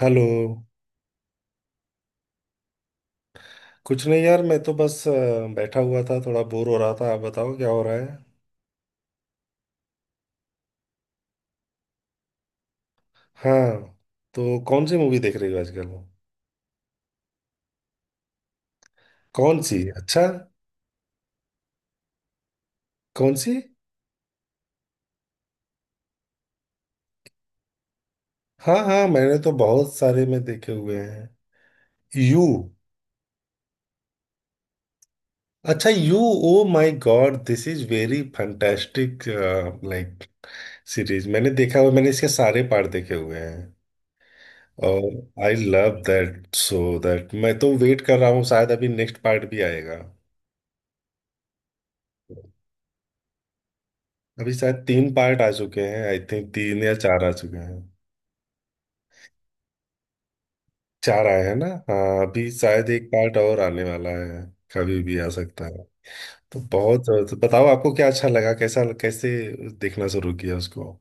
Hello. कुछ नहीं यार, मैं तो बस बैठा हुआ था, थोड़ा बोर हो रहा था। आप बताओ क्या हो रहा है। हाँ। तो कौन सी मूवी देख रही हो आजकल? कौन सी, अच्छा। कौन सी? हाँ हाँ, मैंने तो बहुत सारे में देखे हुए हैं। यू। अच्छा, you. Oh my god, this is very fantastic. Like series मैंने देखा हुआ, मैंने इसके सारे पार्ट देखे हुए हैं। और I love that. So that मैं तो वेट कर रहा हूँ, शायद अभी नेक्स्ट पार्ट भी आएगा। अभी शायद तीन पार्ट आ चुके हैं, आई थिंक तीन या चार आ चुके हैं। चार आए हैं ना। हाँ अभी शायद एक पार्ट और आने वाला है। कभी भी आ सकता है। तो बहुत तो बताओ आपको क्या अच्छा लगा, कैसा, कैसे देखना शुरू किया उसको।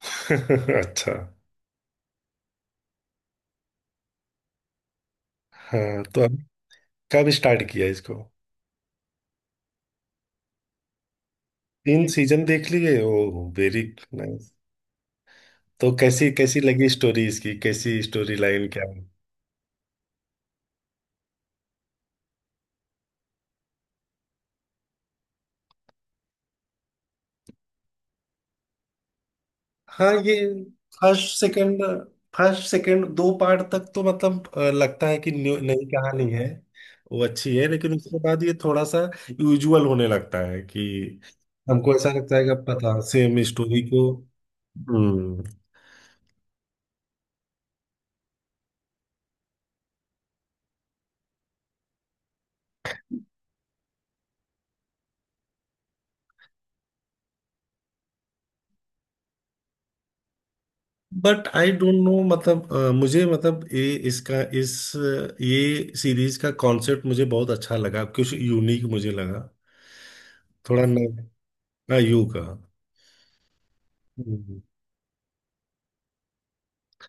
अच्छा। हाँ तो अभी कब स्टार्ट किया इसको? तीन सीजन देख लिए, ओ वेरी नाइस। तो कैसी कैसी लगी स्टोरी इसकी, कैसी स्टोरी लाइन, क्या? हाँ ये फर्स्ट सेकंड, दो पार्ट तक तो मतलब लगता है कि नई कहानी है। वो अच्छी है, लेकिन उसके बाद ये थोड़ा सा यूजुअल होने लगता है कि हमको ऐसा लगता है कि अब पता सेम स्टोरी को। Hmm. But I don't know, मतलब मुझे मतलब ये इसका ये सीरीज का कॉन्सेप्ट मुझे बहुत अच्छा लगा, कुछ यूनिक मुझे लगा, थोड़ा नया। यू का। हम्म।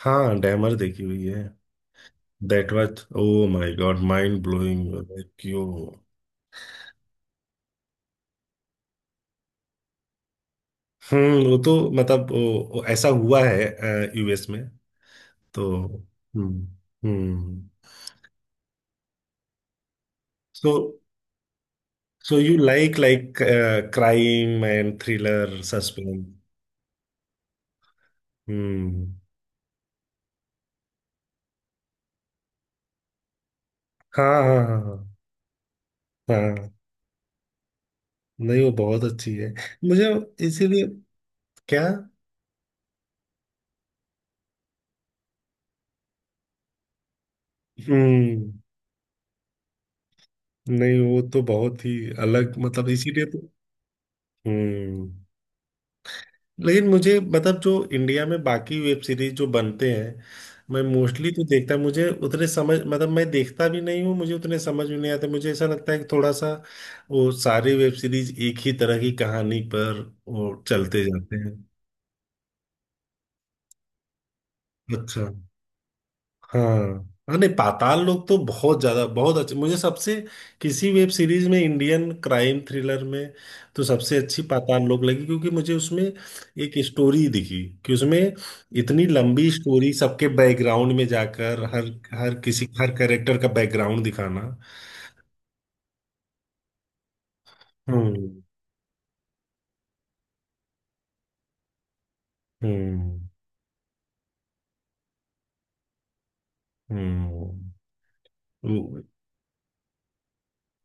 हाँ डैमर देखी हुई है। That was oh my god mind blowing. क्यों? वो तो मतलब वो ऐसा हुआ है यूएस में तो। Hmm. Hmm. So, you like, crime and thriller suspense? Hmm. हाँ हाँ हाँ। हाँ हाँ। नहीं वो बहुत अच्छी है। मुझे इसीलिए क्या। हम्म। नहीं वो तो बहुत ही अलग, मतलब इसीलिए तो। हम्म। लेकिन मुझे मतलब जो इंडिया में बाकी वेब सीरीज जो बनते हैं, मैं मोस्टली तो देखता मुझे उतने समझ मतलब मैं देखता भी नहीं हूँ, मुझे उतने समझ भी नहीं आते, मुझे ऐसा लगता है कि थोड़ा सा वो सारे वेब सीरीज एक ही तरह की कहानी पर वो चलते जाते हैं। अच्छा। हाँ। हाँ, नहीं पाताल लोक तो बहुत ज्यादा बहुत अच्छी, मुझे सबसे किसी वेब सीरीज में इंडियन क्राइम थ्रिलर में तो सबसे अच्छी पाताल लोक लगी, क्योंकि मुझे उसमें एक स्टोरी दिखी कि उसमें इतनी लंबी स्टोरी सबके बैकग्राउंड में जाकर हर हर किसी हर कैरेक्टर का बैकग्राउंड दिखाना। हम्म। हम्म। हम्म।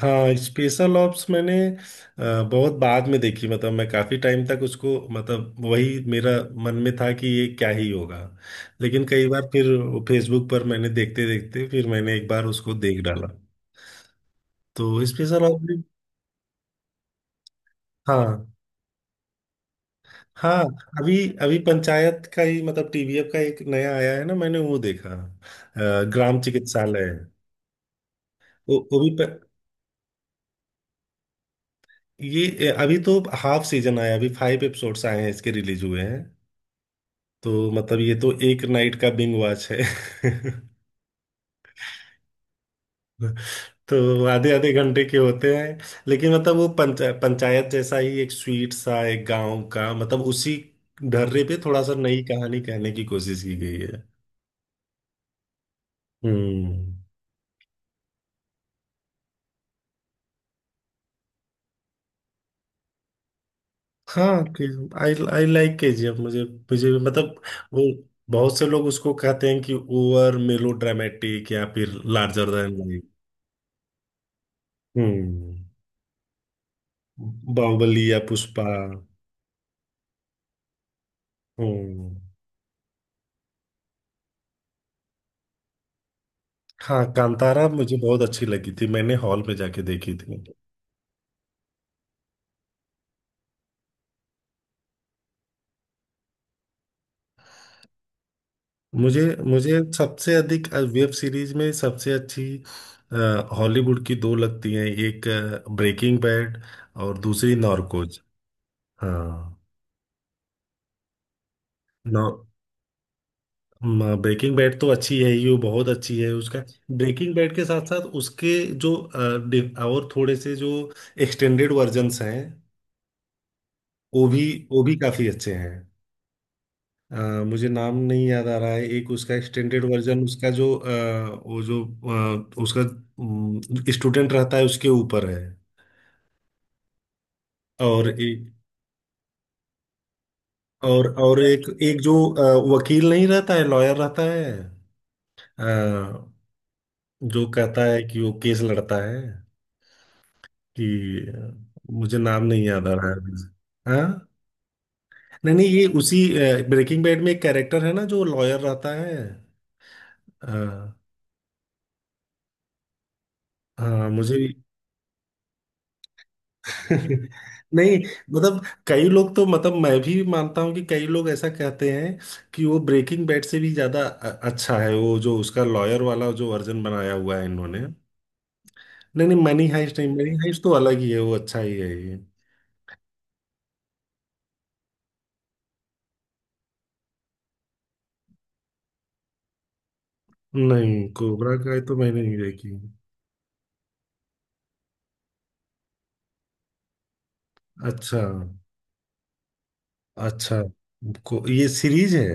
हाँ स्पेशल ऑप्स मैंने बहुत बाद में देखी, मतलब मैं काफ़ी टाइम तक उसको मतलब वही मेरा मन में था कि ये क्या ही होगा, लेकिन कई बार फिर फेसबुक पर मैंने देखते देखते फिर मैंने एक बार उसको देख डाला। तो स्पेशल ऑप्स भी। हाँ। हाँ। अभी अभी पंचायत का ही मतलब टीवीएफ का एक नया आया है ना, मैंने वो देखा, ग्राम चिकित्सालय। वो भी ये अभी तो हाफ सीजन आया, अभी फाइव एपिसोड्स आए हैं इसके रिलीज हुए हैं। तो मतलब ये तो एक नाइट का बिंग वॉच है। तो आधे आधे घंटे के होते हैं। लेकिन मतलब वो पंचायत जैसा ही एक स्वीट सा एक गांव का मतलब उसी ढर्रे पे थोड़ा सा नई कहानी कहने की कोशिश की गई है। हम्म। हाँ कि आई आई लाइक केजीएफ। मुझे मुझे भी- मतलब वो बहुत से लोग उसको कहते हैं कि ओवर मेलो ड्रामेटिक या फिर larger than life. Hmm. Baahubali या पुष्पा। हम्म। हाँ कांतारा मुझे बहुत अच्छी लगी थी, मैंने हॉल में जाके देखी थी। मुझे मुझे सबसे अधिक वेब सीरीज में सबसे अच्छी हॉलीवुड की दो लगती हैं, एक ब्रेकिंग बैड और दूसरी नॉर्कोज। हाँ। नौ। ब्रेकिंग बैड तो अच्छी है ही, वो बहुत अच्छी है उसका। ब्रेकिंग बैड के साथ साथ उसके जो और थोड़े से जो एक्सटेंडेड वर्जन्स हैं, वो भी वो भी काफी अच्छे हैं। अ, मुझे नाम नहीं याद आ रहा है। एक उसका एक्सटेंडेड वर्जन उसका जो वो जो उसका स्टूडेंट रहता है उसके ऊपर है। और एक, और एक एक जो वकील नहीं रहता है, लॉयर रहता है। अ, जो कहता है कि वो केस लड़ता है कि मुझे नाम नहीं याद आ रहा है। हाँ। नहीं नहीं, ये उसी ब्रेकिंग बैड में एक कैरेक्टर है ना जो लॉयर रहता है। अ, हाँ मुझे। नहीं, मतलब कई लोग तो मतलब मैं भी मानता हूँ कि कई लोग ऐसा कहते हैं कि वो ब्रेकिंग बैड से भी ज्यादा अच्छा है, वो जो उसका लॉयर वाला जो वर्जन बनाया हुआ है इन्होंने। नहीं नहीं मनी हाइस्ट, नहीं मनी हाइस्ट तो अलग ही है, वो अच्छा ही है ये। नहीं कोबरा काय तो मैंने नहीं देखी। अच्छा। अच्छा। ये सीरीज है?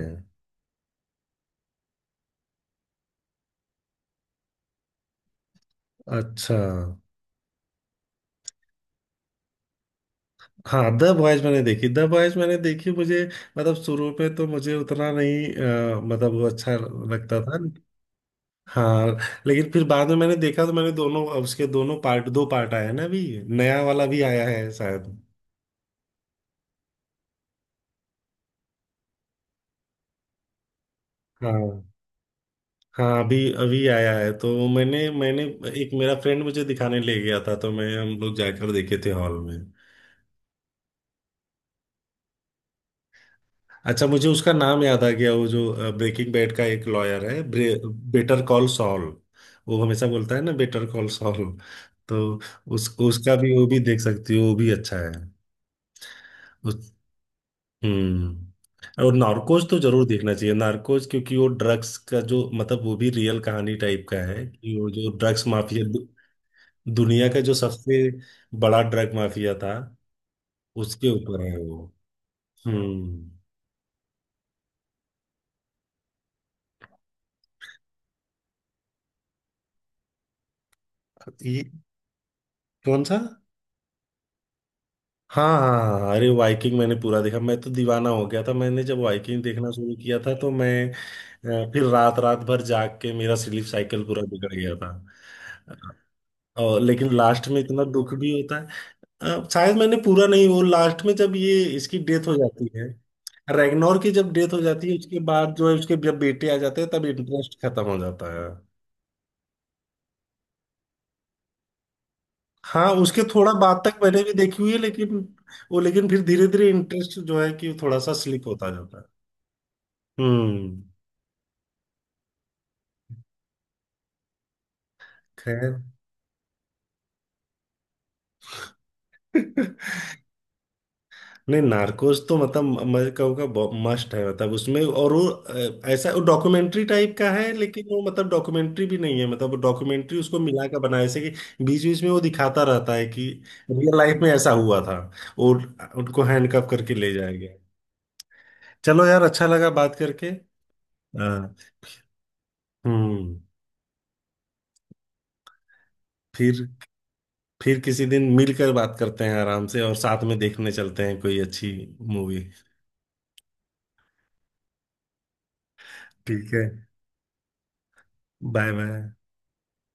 अच्छा। हाँ द बॉयज मैंने देखी, द बॉयज मैंने देखी। मुझे मतलब शुरू में तो मुझे उतना नहीं मतलब वो अच्छा लगता था। हाँ। लेकिन फिर बाद में मैंने देखा तो मैंने दोनों उसके दोनों पार्ट, दो पार्ट आए हैं ना अभी, नया वाला भी आया है शायद। हाँ। हाँ। अभी अभी आया है तो मैंने मैंने एक मेरा फ्रेंड मुझे दिखाने ले गया था तो मैं हम लोग जाकर देखे थे हॉल में। अच्छा, मुझे उसका नाम याद आ गया, वो जो ब्रेकिंग बैड का एक लॉयर है, बेटर कॉल सॉल। वो हमेशा बोलता है ना बेटर कॉल सॉल। तो उस उसका भी, वो भी देख सकती हो, वो भी अच्छा है। और नार्कोज तो जरूर देखना चाहिए। नार्कोज क्योंकि वो ड्रग्स का जो मतलब वो भी रियल कहानी टाइप का है कि वो जो ड्रग्स माफिया दुनिया का जो सबसे बड़ा ड्रग माफिया था उसके ऊपर है वो। हम्म। ये कौन सा? हाँ हाँ हाँ, अरे वाइकिंग मैंने पूरा देखा, मैं तो दीवाना हो गया था। मैंने जब वाइकिंग देखना शुरू किया था तो मैं फिर रात रात भर जाग के मेरा स्लीप साइकिल पूरा बिगड़ गया था। और लेकिन लास्ट में इतना दुख भी होता है। शायद मैंने पूरा नहीं। वो लास्ट में जब ये इसकी डेथ हो जाती है, रैगनोर की जब डेथ हो जाती है, उसके बाद जो है उसके जब बेटे आ जाते हैं तब इंटरेस्ट खत्म हो जाता है। हाँ उसके थोड़ा बाद तक मैंने भी देखी हुई है लेकिन वो लेकिन फिर धीरे धीरे इंटरेस्ट जो है कि थोड़ा सा स्लिप होता जाता है। हम्म। खैर। नहीं नार्कोस तो मतलब मैं कहूँगा मस्ट है। मतलब उसमें और वो ऐसा वो डॉक्यूमेंट्री टाइप का है लेकिन वो मतलब डॉक्यूमेंट्री भी नहीं है, मतलब डॉक्यूमेंट्री उसको मिला कर बनाया, जैसे कि बीच बीच में वो दिखाता रहता है कि रियल लाइफ में ऐसा हुआ था और उनको हैंडकफ करके ले जाया गया। चलो यार अच्छा लगा बात करके। हाँ। हम्म। फिर फिर किसी दिन मिलकर बात करते हैं आराम से, और साथ में देखने चलते हैं कोई अच्छी मूवी। ठीक है। Bye bye.